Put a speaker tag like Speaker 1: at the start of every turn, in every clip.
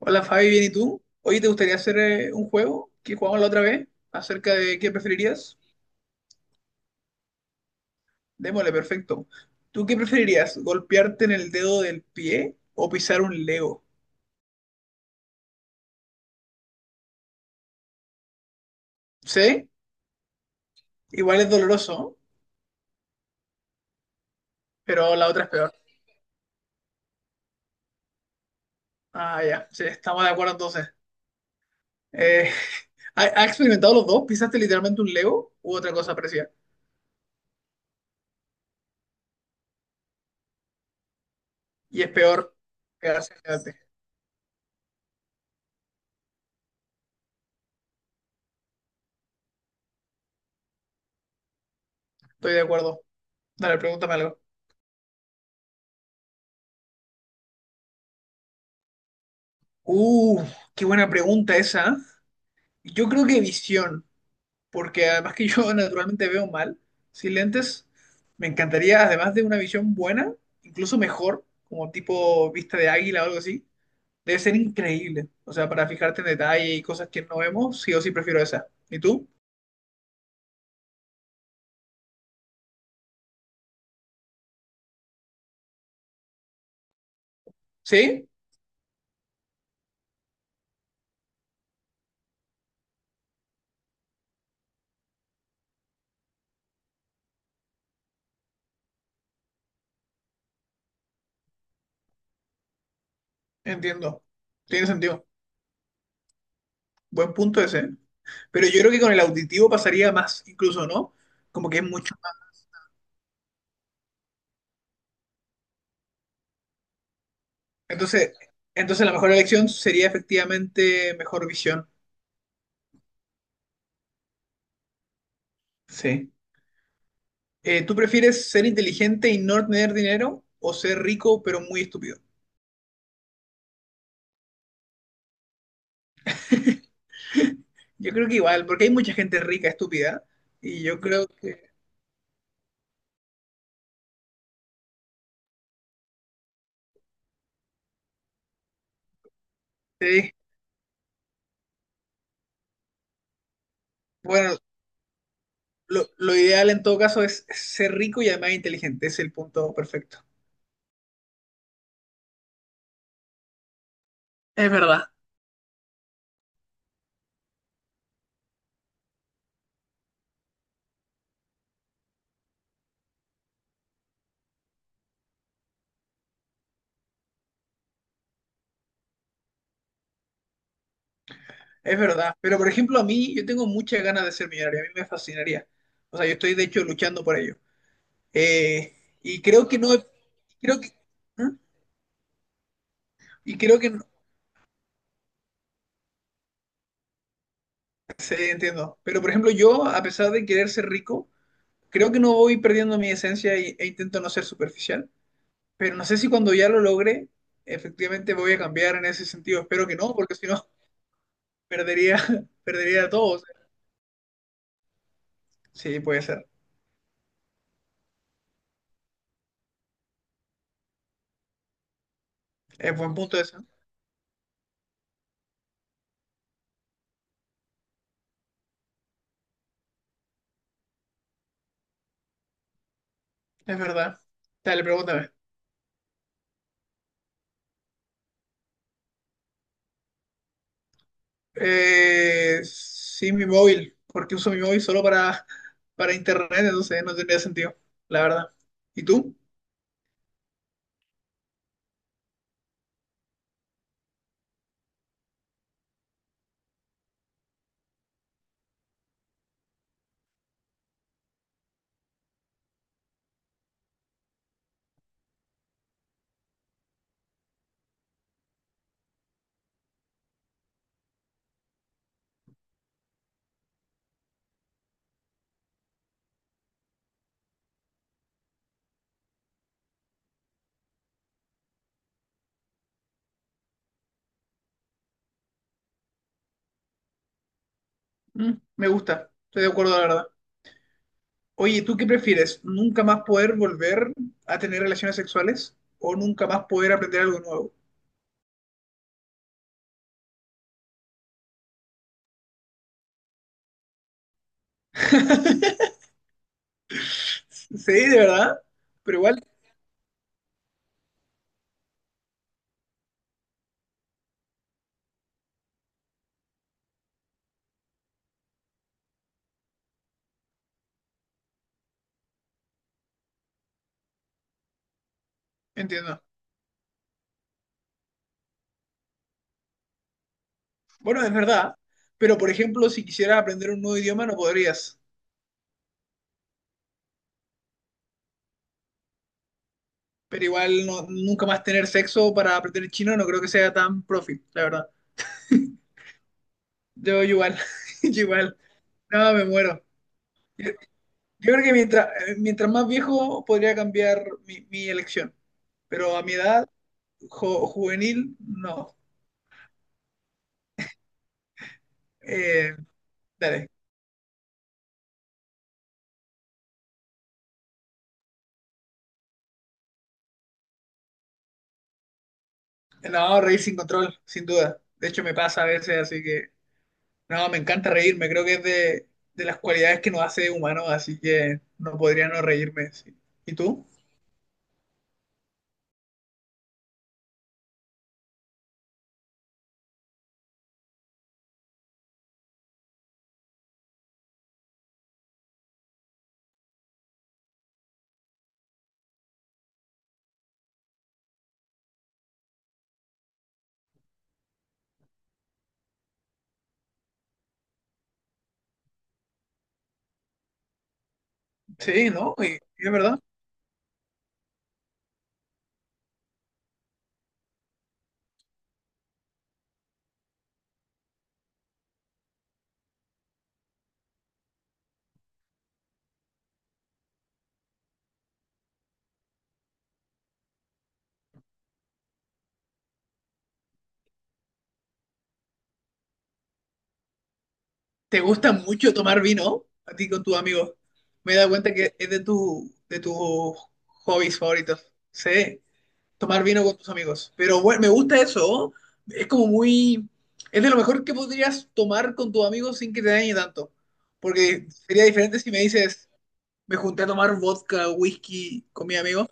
Speaker 1: Hola Fabi, bien, ¿y tú? Hoy ¿te gustaría hacer un juego que jugamos la otra vez acerca de qué preferirías? Démosle, perfecto. ¿Tú qué preferirías? ¿Golpearte en el dedo del pie o pisar un Lego? ¿Sí? Igual es doloroso, ¿no? Pero la otra es peor. Ah, ya, sí, estamos de acuerdo entonces. Eh, ¿Has experimentado los dos? ¿Pisaste literalmente un Lego u otra cosa parecida? Y es peor quedarse en el dedo. Estoy de acuerdo. Dale, pregúntame algo. Uh, Qué buena pregunta esa. Yo creo que visión, porque además que yo naturalmente veo mal, sin lentes, me encantaría, además de una visión buena, incluso mejor, como tipo vista de águila o algo así, debe ser increíble. O sea, para fijarte en detalle y cosas que no vemos, sí o sí prefiero esa. ¿Y tú? ¿Sí? Entiendo. Tiene sentido. Buen punto ese. Pero yo creo que con el auditivo pasaría más, incluso, ¿no? Como que es mucho más. Entonces, entonces la mejor elección sería efectivamente mejor visión. Sí. ¿Tú prefieres ser inteligente y no tener dinero o ser rico pero muy estúpido? Yo creo que igual, porque hay mucha gente rica, estúpida, y yo creo que, sí, bueno, lo ideal en todo caso es ser rico y además inteligente, es el punto perfecto. Es verdad. Es verdad, pero por ejemplo a mí yo tengo muchas ganas de ser millonario, a mí me fascinaría. O sea, yo estoy de hecho luchando por ello. Eh, y creo que no, creo que, ¿Mm? Y creo que no, sí, entiendo. Pero por ejemplo yo, a pesar de querer ser rico, creo que no voy perdiendo mi esencia y- e intento no ser superficial, pero no sé si cuando ya lo logre, efectivamente voy a cambiar en ese sentido. Espero que no, porque si no, perdería, perdería a todos. Sí, puede ser. Es buen punto eso. Es verdad. Dale, pregúntame. Sí, mi móvil, porque uso mi móvil solo para, para internet, entonces no tendría sentido, la verdad. ¿Y tú? Mm, me gusta, estoy de acuerdo, la verdad. Oye, ¿tú qué prefieres? ¿Nunca más poder volver a tener relaciones sexuales o nunca más poder aprender algo nuevo? Sí, de verdad, pero igual entiendo. Bueno, es verdad, pero por ejemplo, si quisieras aprender un nuevo idioma no podrías, pero igual no- nunca más tener sexo para aprender chino no creo que sea tan profit, la verdad. Yo igual, yo igual, no, me muero. Yo, yo creo que mientras, mientras más viejo podría cambiar mi elección, pero a mi edad, jo- juvenil, no. Eh, dale. No, reír sin control, sin duda. De hecho, me pasa a veces, así que no, me encanta reírme. Creo que es de las cualidades que nos hace humanos, así que no podría no reírme. Sí. ¿Y tú? Sí, ¿no? Y es verdad. ¿Te gusta mucho tomar vino a ti con tus amigos? Me he dado cuenta que es de, tu, de tus hobbies favoritos. Sí, tomar vino con tus amigos. Pero bueno, me gusta eso. Es como muy... Es de lo mejor que podrías tomar con tus amigos sin que te dañe tanto. Porque sería diferente si me dices, me junté a tomar vodka, whisky con mi amigo.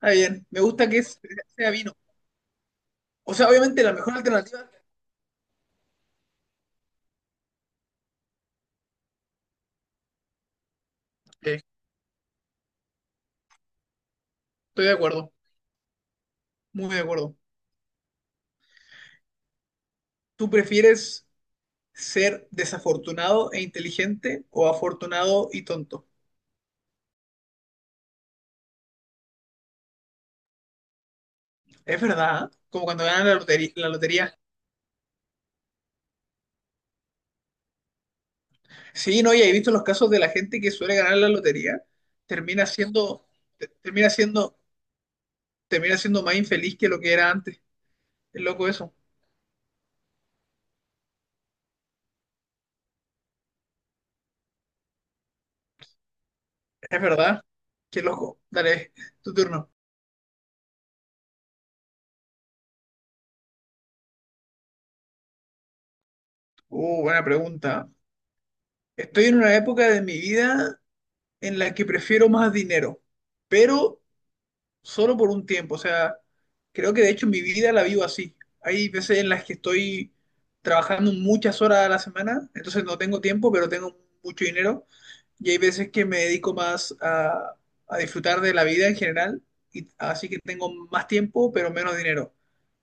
Speaker 1: Está bien, me gusta que es- sea vino. O sea, obviamente la mejor alternativa... Sí, estoy de acuerdo, muy de acuerdo. ¿Tú prefieres ser desafortunado e inteligente o afortunado y tonto? Es verdad, ¿eh? Como cuando ganan la lotería. La lotería. Sí, no, y he visto los casos de la gente que suele ganar la lotería, termina siendo, te- termina siendo más infeliz que lo que era antes. Es loco eso. Es verdad. Qué loco. Dale, tu turno. Buena pregunta. Estoy en una época de mi vida en la que prefiero más dinero, pero solo por un tiempo. O sea, creo que de hecho mi vida la vivo así. Hay veces en las que estoy trabajando muchas horas a la semana, entonces no tengo tiempo, pero tengo mucho dinero. Y hay veces que me dedico más a disfrutar de la vida en general, y, así que tengo más tiempo, pero menos dinero.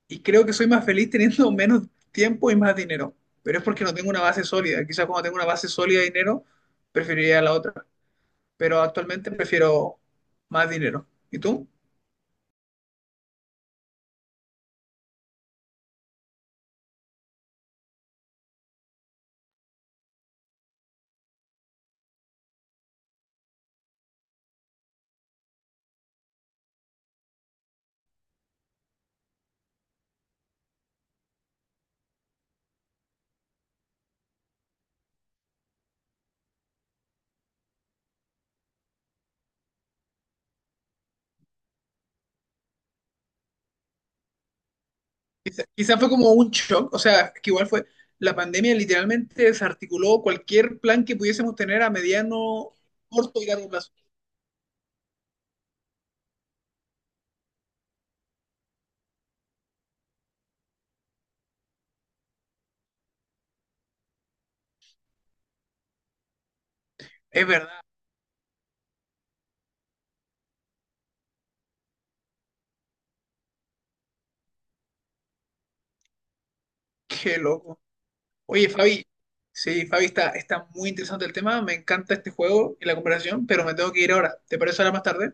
Speaker 1: Y creo que soy más feliz teniendo menos tiempo y más dinero, pero es porque no tengo una base sólida. Quizás cuando tengo una base sólida de dinero, preferiría la otra, pero actualmente prefiero más dinero. ¿Y tú? Quizá, quizá fue como un shock, o sea, que igual fue, la pandemia literalmente desarticuló cualquier plan que pudiésemos tener a mediano, corto y largo plazo. Es verdad, qué loco. Oye, Fabi, sí, Fabi, está, está muy interesante el tema, me encanta este juego y la conversación, pero me tengo que ir ahora. ¿Te parece ahora más tarde?